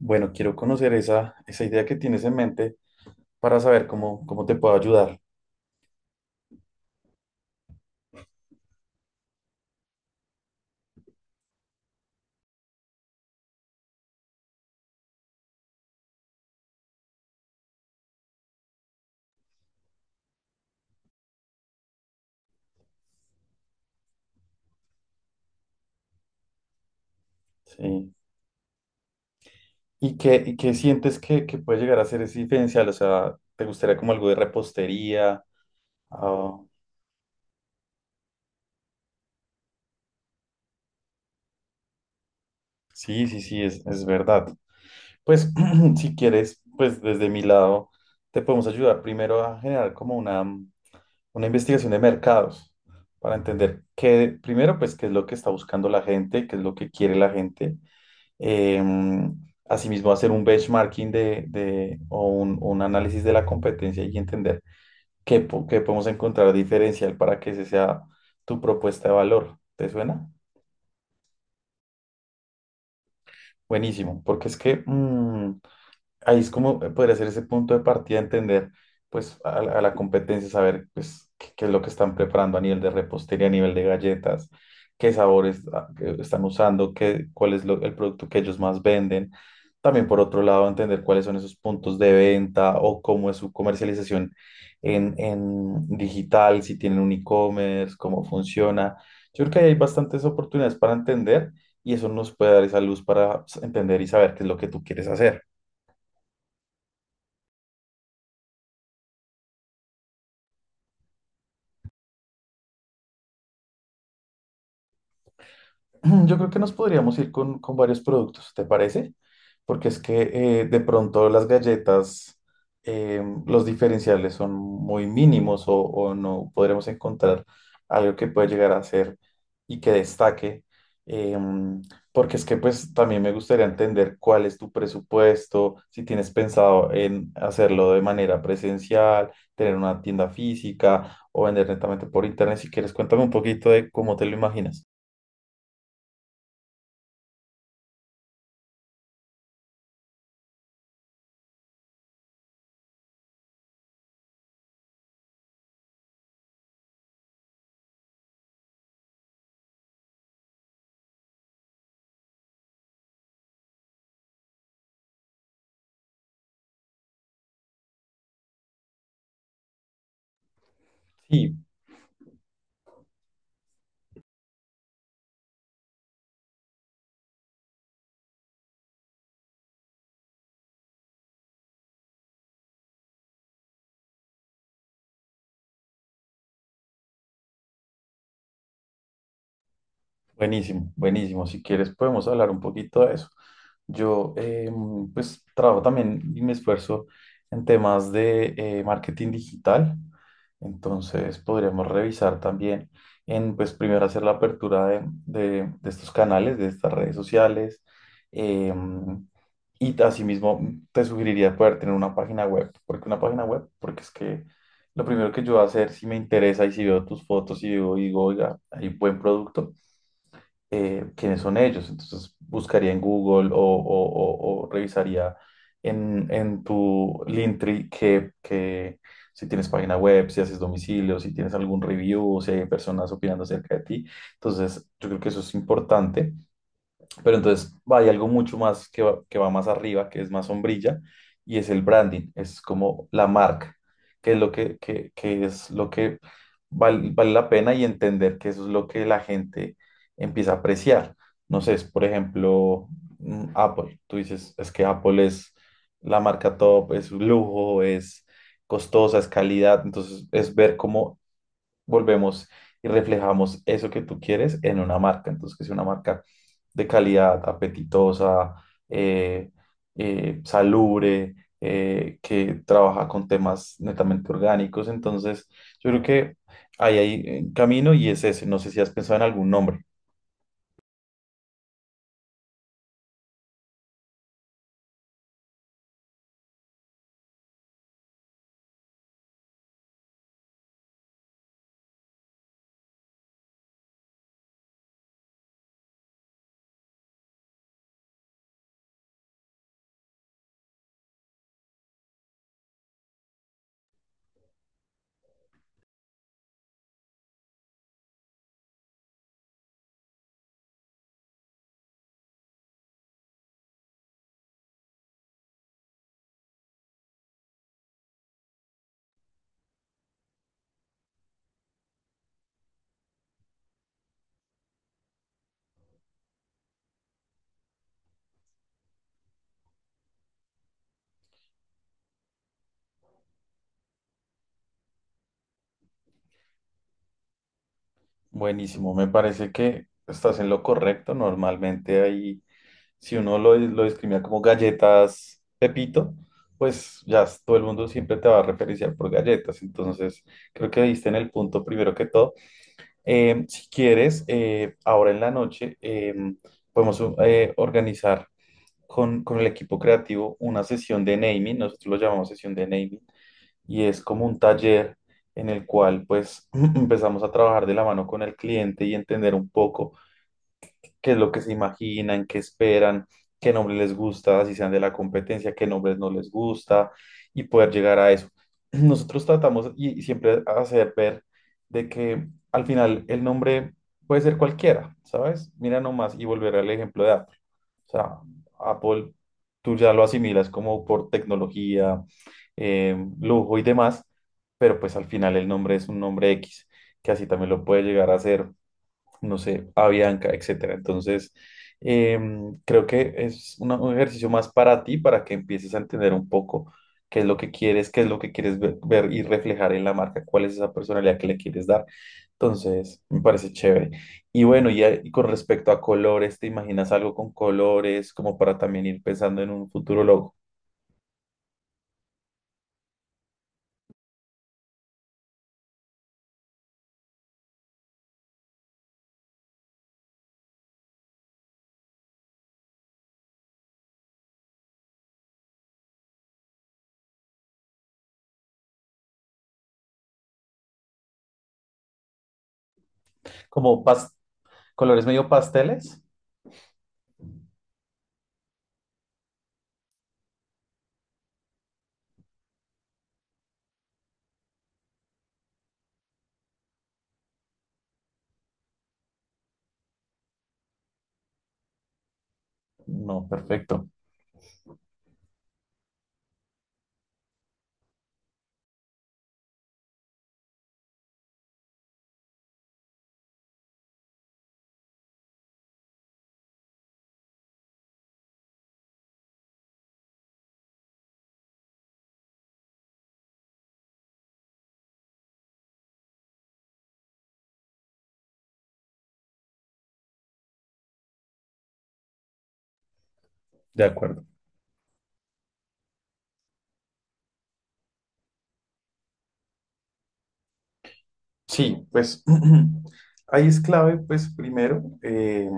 Bueno, quiero conocer esa idea que tienes en mente para saber cómo te puedo ayudar. Sí. ¿Y qué sientes que puede llegar a ser ese diferencial? O sea, ¿te gustaría como algo de repostería? Ah, sí, sí, sí, es verdad. Pues si quieres, pues desde mi lado te podemos ayudar primero a generar como una investigación de mercados para entender primero, pues qué es lo que está buscando la gente, qué es lo que quiere la gente. Em, asimismo, hacer un benchmarking o un análisis de la competencia y entender qué podemos encontrar diferencial para que ese sea tu propuesta de valor. ¿Te suena? Buenísimo, porque es que ahí es como poder hacer ese punto de partida, entender pues a la competencia, saber pues qué es lo que están preparando a nivel de repostería, a nivel de galletas, qué sabores que están usando, cuál es el producto que ellos más venden. También por otro lado, entender cuáles son esos puntos de venta o cómo es su comercialización en digital, si tienen un e-commerce, cómo funciona. Yo creo que ahí hay bastantes oportunidades para entender y eso nos puede dar esa luz para entender y saber qué es lo que tú quieres hacer. Yo creo que nos podríamos ir con varios productos, ¿te parece? Porque es que de pronto las galletas, los diferenciales son muy mínimos o no podremos encontrar algo que pueda llegar a ser y que destaque. em, porque es que pues también me gustaría entender cuál es tu presupuesto, si tienes pensado en hacerlo de manera presencial, tener una tienda física o vender netamente por internet. Si quieres, cuéntame un poquito de cómo te lo imaginas. Sí. Buenísimo, buenísimo. Si quieres, podemos hablar un poquito de eso. Yo, pues, trabajo también y me esfuerzo en temas de marketing digital. Entonces, podríamos revisar también pues, primero hacer la apertura de estos canales, de estas redes sociales. eh, y asimismo, te sugeriría poder tener una página web. ¿Por qué una página web? Porque es que lo primero que yo voy a hacer, si me interesa y si veo tus fotos y digo, oiga, hay buen producto. ¿Quiénes son ellos? Entonces buscaría en Google o revisaría en tu Linktree que si tienes página web, si haces domicilio, si tienes algún review, si hay personas opinando acerca de ti. Entonces yo creo que eso es importante. Pero entonces hay algo mucho más que va más arriba, que es más sombrilla, y es el branding, es como la marca, que es lo que es lo que vale la pena y entender que eso es lo que la gente empieza a apreciar. No sé, por ejemplo, Apple. Tú dices, es que Apple es la marca top, es un lujo, es costosa, es calidad. Entonces es ver cómo volvemos y reflejamos eso que tú quieres en una marca. Entonces, que sea una marca de calidad, apetitosa, eh, salubre, que trabaja con temas netamente orgánicos. Entonces, yo creo que ahí hay camino y es ese. No sé si has pensado en algún nombre. Buenísimo, me parece que estás en lo correcto. Normalmente hay si uno lo discrimina como galletas Pepito, pues todo el mundo siempre te va a referenciar por galletas. Entonces, creo que diste en el punto primero que todo. Si quieres, ahora en la noche podemos organizar con el equipo creativo una sesión de naming, nosotros lo llamamos sesión de naming, y es como un taller en el cual pues empezamos a trabajar de la mano con el cliente y entender un poco qué es lo que se imaginan, qué esperan, qué nombre les gusta, si sean de la competencia, qué nombres no les gusta y poder llegar a eso. Nosotros tratamos y siempre hacer ver de que al final el nombre puede ser cualquiera, ¿sabes? Mira nomás y volver al ejemplo de Apple. O sea, Apple, tú ya lo asimilas como por tecnología, lujo y demás, pero pues al final el nombre es un nombre X, que así también lo puede llegar a ser no sé, Avianca, etcétera. Entonces, creo que es un ejercicio más para ti, para que empieces a entender un poco qué es lo que quieres, qué es lo que quieres ver y reflejar en la marca, cuál es esa personalidad que le quieres dar. Entonces, me parece chévere. Y bueno, y con respecto a colores, ¿te imaginas algo con colores, como para también ir pensando en un futuro logo? Como pas- colores medio pasteles. No, perfecto. De acuerdo. Sí, pues ahí es clave, pues primero,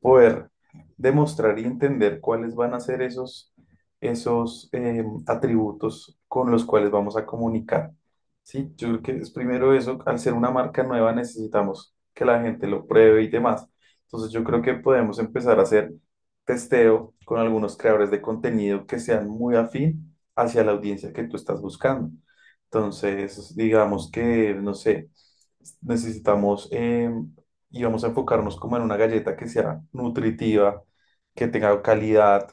poder demostrar y entender cuáles van a ser esos atributos con los cuales vamos a comunicar. Sí, yo creo que es primero eso, al ser una marca nueva necesitamos que la gente lo pruebe y demás. Entonces yo creo que podemos empezar a hacer testeo con algunos creadores de contenido que sean muy afín hacia la audiencia que tú estás buscando. Entonces, digamos que, no sé, necesitamos y vamos a enfocarnos como en una galleta que sea nutritiva, que tenga calidad,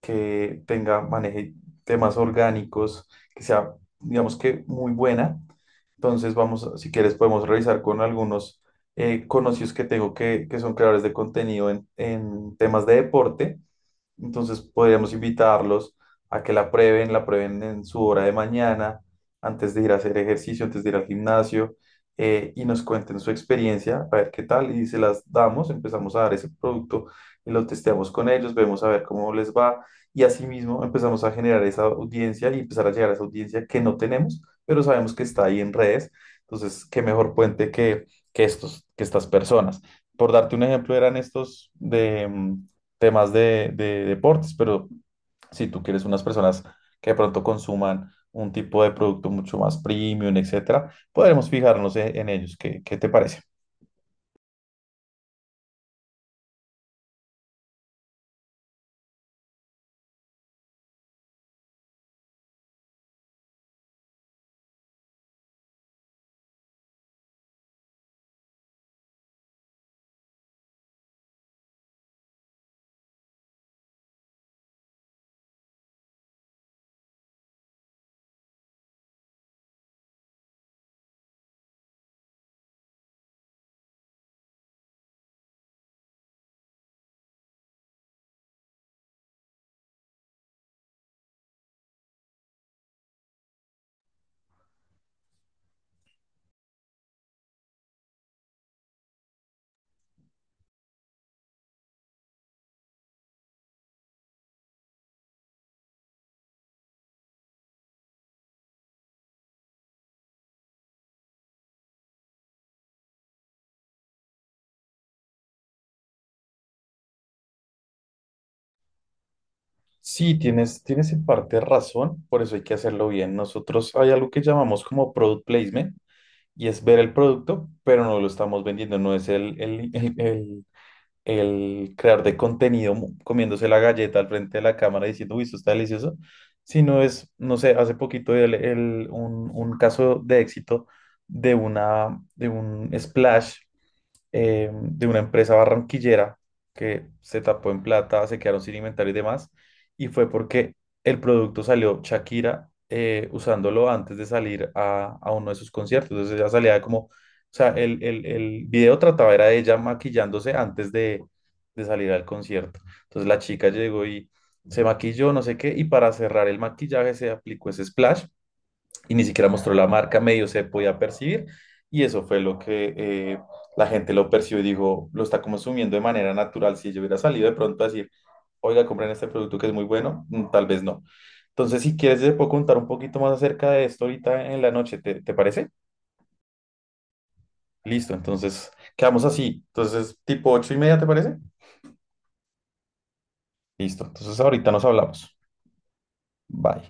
maneje temas orgánicos, que sea, digamos que muy buena entonces, vamos, si quieres, podemos revisar con algunos conocidos que tengo que son creadores de contenido en temas de deporte. Entonces, podríamos invitarlos a que la prueben en su hora de mañana, antes de ir a hacer ejercicio, antes de ir al gimnasio, y nos cuenten su experiencia, a ver qué tal, y se las damos, empezamos a dar ese producto y lo testeamos con ellos, vemos a ver cómo les va, y asimismo empezamos a generar esa audiencia y empezar a llegar a esa audiencia que no tenemos pero sabemos que está ahí en redes. Entonces, qué mejor puente que estas personas. Por darte un ejemplo, eran estos de temas de deportes, pero si tú quieres unas personas que de pronto consuman un tipo de producto mucho más premium, etcétera, podremos fijarnos en ellos. ¿Qué te parece? Sí, tienes en parte razón, por eso hay que hacerlo bien. Nosotros hay algo que llamamos como product placement y es ver el producto, pero no lo estamos vendiendo, no es el creador de contenido comiéndose la galleta al frente de la cámara diciendo, uy, esto está delicioso, sino es, no sé, hace poquito un caso de éxito de un splash de una empresa barranquillera que se tapó en plata, se quedaron sin inventario y demás, y fue porque el producto salió Shakira usándolo antes de salir a uno de sus conciertos, entonces ella salía como, o sea, el video trataba era de ella maquillándose antes de salir al concierto, entonces la chica llegó y se maquilló, no sé qué, y para cerrar el maquillaje se aplicó ese splash y ni siquiera mostró la marca, medio se podía percibir y eso fue lo que la gente lo percibió y dijo, lo está consumiendo de manera natural. Si yo hubiera salido de pronto a decir, oiga, compren este producto que es muy bueno, tal vez no. Entonces, si quieres, te puedo contar un poquito más acerca de esto ahorita en la noche, ¿te parece? Listo, entonces quedamos así. Entonces, tipo 8:30, ¿te parece? Listo, entonces ahorita nos hablamos. Bye.